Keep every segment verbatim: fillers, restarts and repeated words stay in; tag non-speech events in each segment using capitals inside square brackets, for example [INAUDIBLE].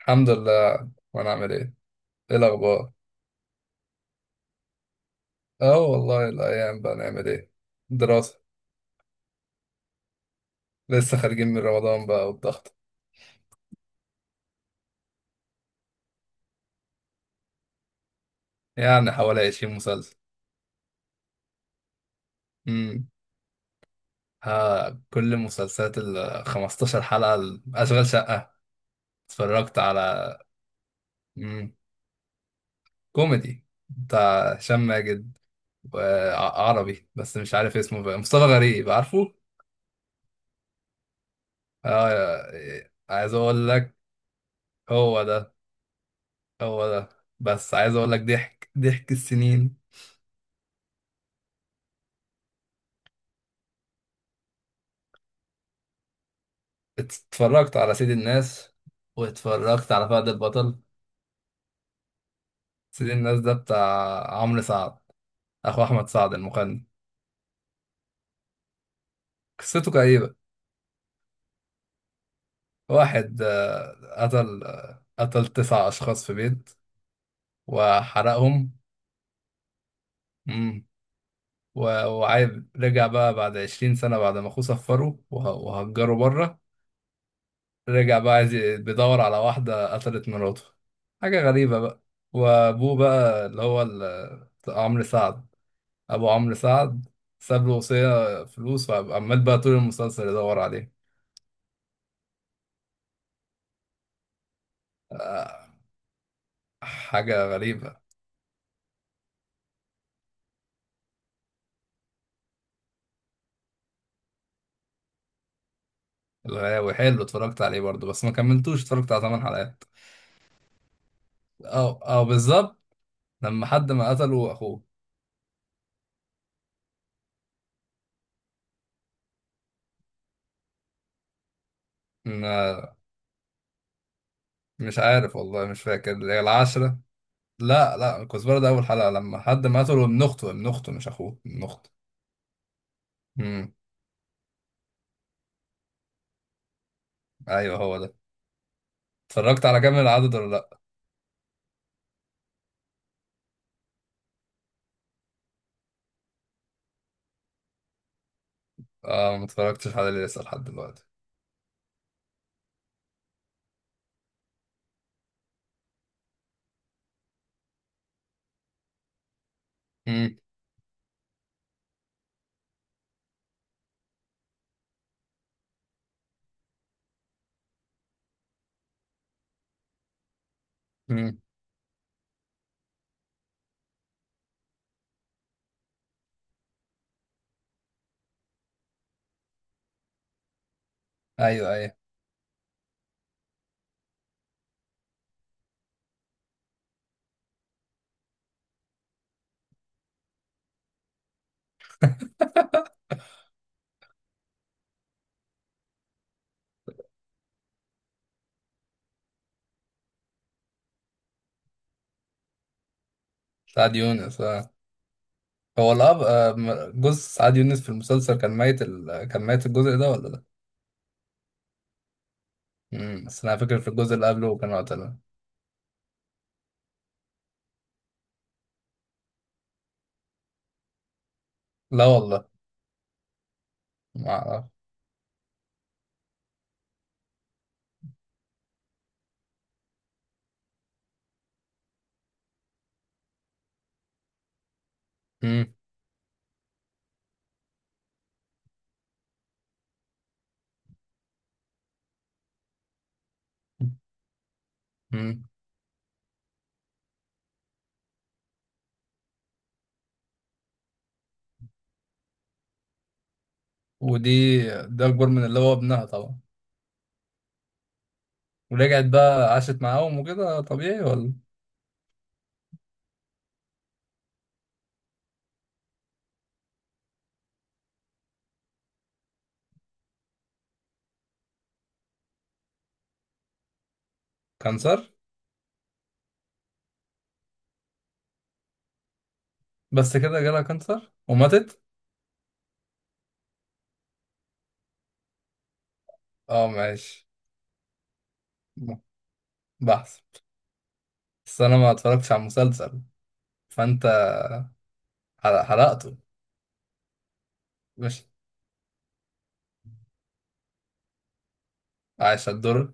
الحمد لله. وانا عامل ايه؟ ايه الاخبار؟ اه، والله الايام بقى، نعمل ايه؟ دراسة. لسه خارجين من رمضان بقى والضغط. يعني حوالي عشرين مسلسل. امم ها، كل مسلسلات ال خمستاشر حلقة ال- اشغال شقة اتفرجت على. امم كوميدي بتاع هشام ماجد، وعربي بس مش عارف اسمه بقى، مصطفى غريب عارفه. اه، يا- عايز اقول لك. هو ده، هو ده. بس عايز اقول لك، ضحك ضحك السنين. اتفرجت على سيد الناس، واتفرجت على فهد البطل. سيد الناس ده بتاع عمرو سعد، اخو احمد سعد المغني. قصته كئيبة. واحد آه، قتل، آه، قتل تسع اشخاص في بيت وحرقهم. مم. و- وعايز، رجع بقى بعد عشرين سنة بعد ما اخوه سفره وه- وهجره بره. رجع بقى عايز ي- بيدور على واحدة قتلت مراته. حاجة غريبة بقى. وابوه بقى، اللي هو ال- عمرو سعد، ابو عمرو سعد، ساب له وصية فلوس، وعمال بقى طول المسلسل يدور عليه. آه، حاجة غريبة. الغاوي حلو، اتفرجت عليه برضه بس ما كملتوش، اتفرجت على ثمان حلقات. او، او بالظبط. لما حد ما قتله اخوه. ما- مش عارف والله، مش فاكر اللي هي العشرة. لا، لا، الكزبرة ده اول حلقة لما حد ما قتله ابن اخته. ابن اخته، مش اخوه، ابن اخته. امم ايوه، هو ده. اتفرجت على كامل العدد ولا لا؟ اه، ما اتفرجتش على اللي لسه لحد دلوقتي. امم امم ايوه، ايوه. سعد يونس. آه. هو الأب، آه، م- جوز سعاد يونس في المسلسل كان ميت، ال... كان ميت الجزء ده ولا لا؟ امم بس أنا فاكر في الجزء اللي قبله كان قتله. لا والله، ما أعرف. امم امم ودي، ده أكبر من اللي هو ابنها طبعا. ورجعت بقى عاشت معاهم، وكده طبيعي ولا؟ كانسر. بس كده جالها كانسر وماتت؟ اه ماشي. بحث. بس أنا ما اتفرجتش على المسلسل. فأنت حرق- حرقته. مش عايش الدور.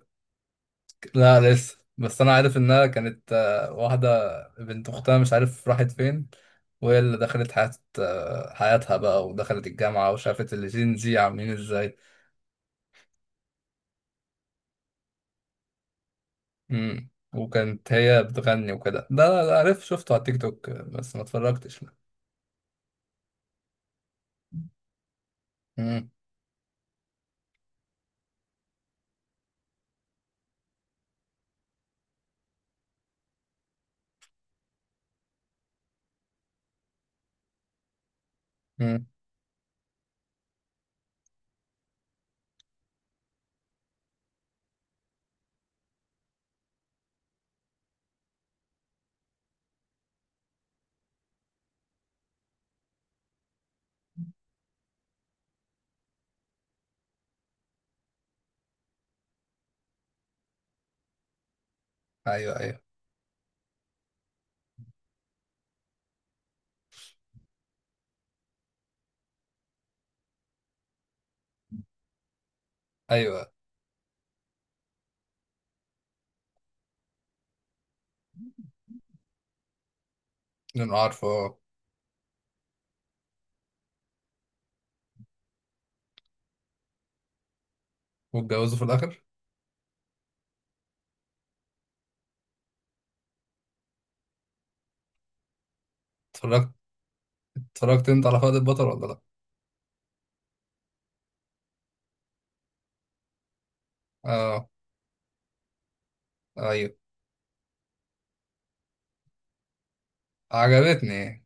لا لسه، بس انا عارف انها كانت آه، واحده، بنت اختها مش عارف راحت فين، وهي اللي دخلت حياة، آه، حياتها بقى، ودخلت الجامعه وشافت الجين زي عاملين ازاي. امم وكانت هي بتغني وكده ده. لا لا، عارف، شفته على تيك توك بس ما اتفرجتش لا. امم امم ايوه، ايوه. ايوه، انا عارفه. آه. واتجوزوا في الاخر؟ اتفرجت اتفرجت انت على فهد البطل ولا لا؟ اه. ايوه، عجبتني.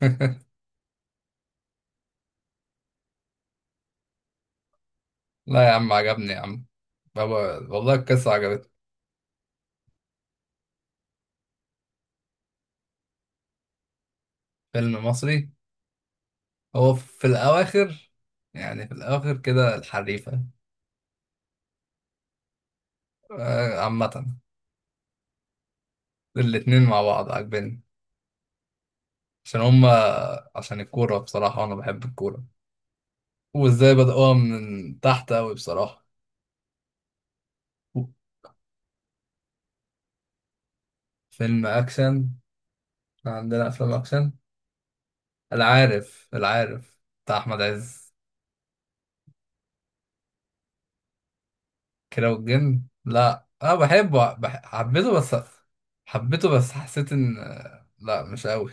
[LAUGHS] لا يا عم، عجبني يا عم بابا، والله القصه عجبتني. فيلم مصري. هو في الأواخر، يعني في الأواخر كده، الحريفة. آه، عامة الاتنين مع بعض عاجبني، عشان هما، عشان الكورة بصراحة وأنا بحب الكورة، وإزاي بدأوها من تحت أوي بصراحة. فيلم أكشن. إحنا عندنا أفلام أكشن. العارف العارف بتاع أحمد عز، كيرة والجن؟ لا أنا بحبه، بح... حبيته بس. حبيته، بس حسيت إن، لا مش أوي.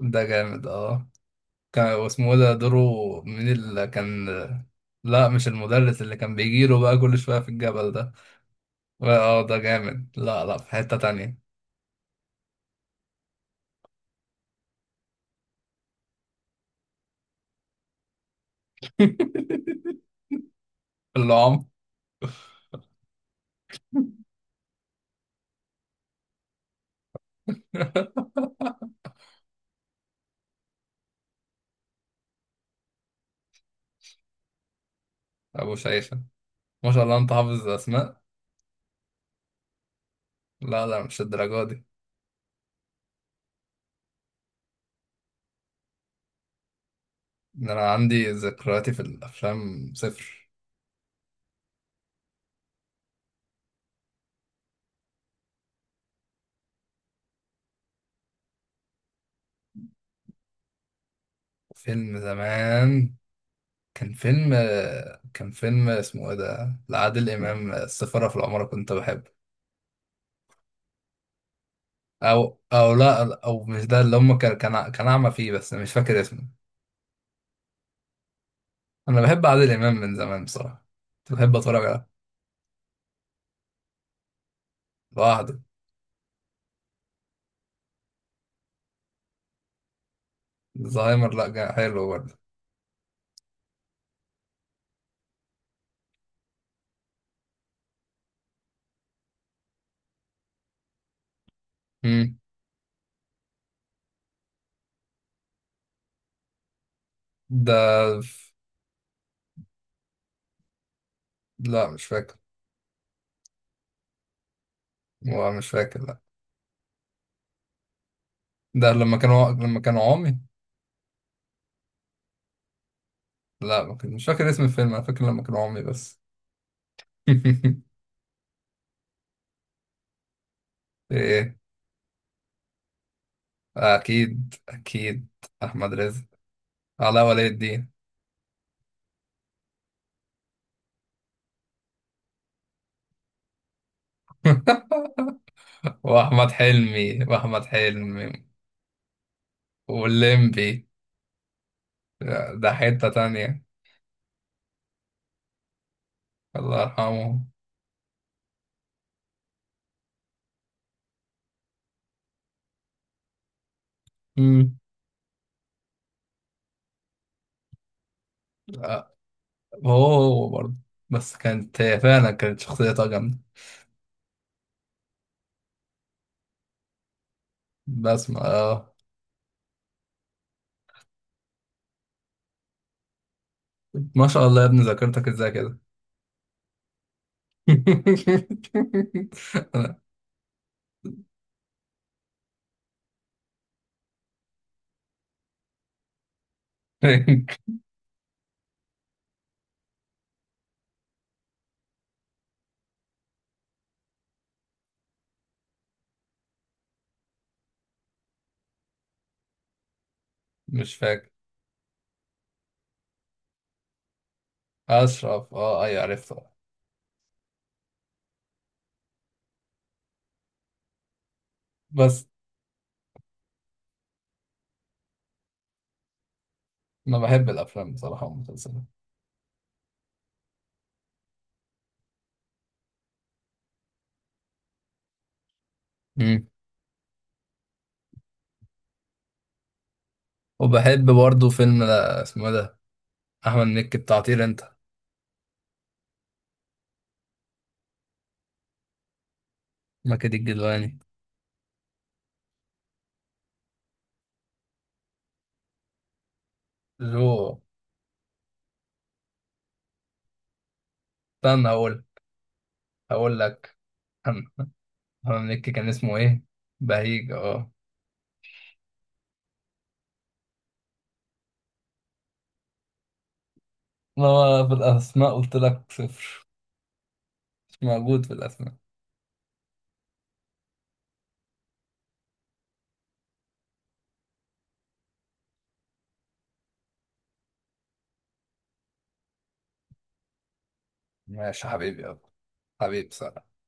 ده جامد اه. كان واسمه إيه ده دوره، من اللي كان؟ لا مش المدرس، اللي كان بيجيله بقى كل شوية في الجبل ده. اه ده جامد. لا لا، في حتة تانية. [LAUGHS] اللعام. أبو شيشة. ما شاء الله أنت حافظ أسماء. لا لا، مش الدرجة دي. ده أنا عندي ذكرياتي في الأفلام صفر. فيلم زمان. كان فيلم كان فيلم اسمه إيه ده، لعادل إمام، السفارة في العمارة، كنت بحبه. او، او لا، او مش ده، اللي هم كان كان ع- كان اعمى فيه، بس مش فاكر اسمه. انا بحب عادل امام من زمان بصراحه. كنت بحب اتفرج على، لوحده. زهايمر، لا جا- حلو برضه. امم ده ف- لا مش فاكر. هو مش فاكر لا. ده لما كانوا لما كانوا عمي. لا ما كان- مش فاكر اسم الفيلم، انا فاكر لما كانوا عمي بس. [LAUGHS] ايه؟ اكيد، اكيد. احمد رزق. علاء ولي الدين. [LAUGHS] واحمد حلمي واحمد حلمي. واللمبي. ده حتة تانية. الله يرحمه. امم آه، هو، هو برضه. بس كانت هي فعلا كانت شخصيتها جامدة. بس ما. آه. ما شاء الله يا ابني، ذاكرتك ازاي كده؟ [LAUGHS] أنا مش فاكر. أشرف اه، أي عرفته. بس أنا بحب الأفلام بصراحة والمسلسلات. مم. وبحب برضه فيلم، آه، اسمه إيه ده، أحمد مكي بتاع طير أنت. مكي الجدواني. جو. استنى أقول أقول لك، هارون مكي كان اسمه ايه؟ بهيج اه. ما هو في الاسماء قلت لك صفر. مش موجود في الاسماء. ماشي حبيبي يابا. حبيبي صح.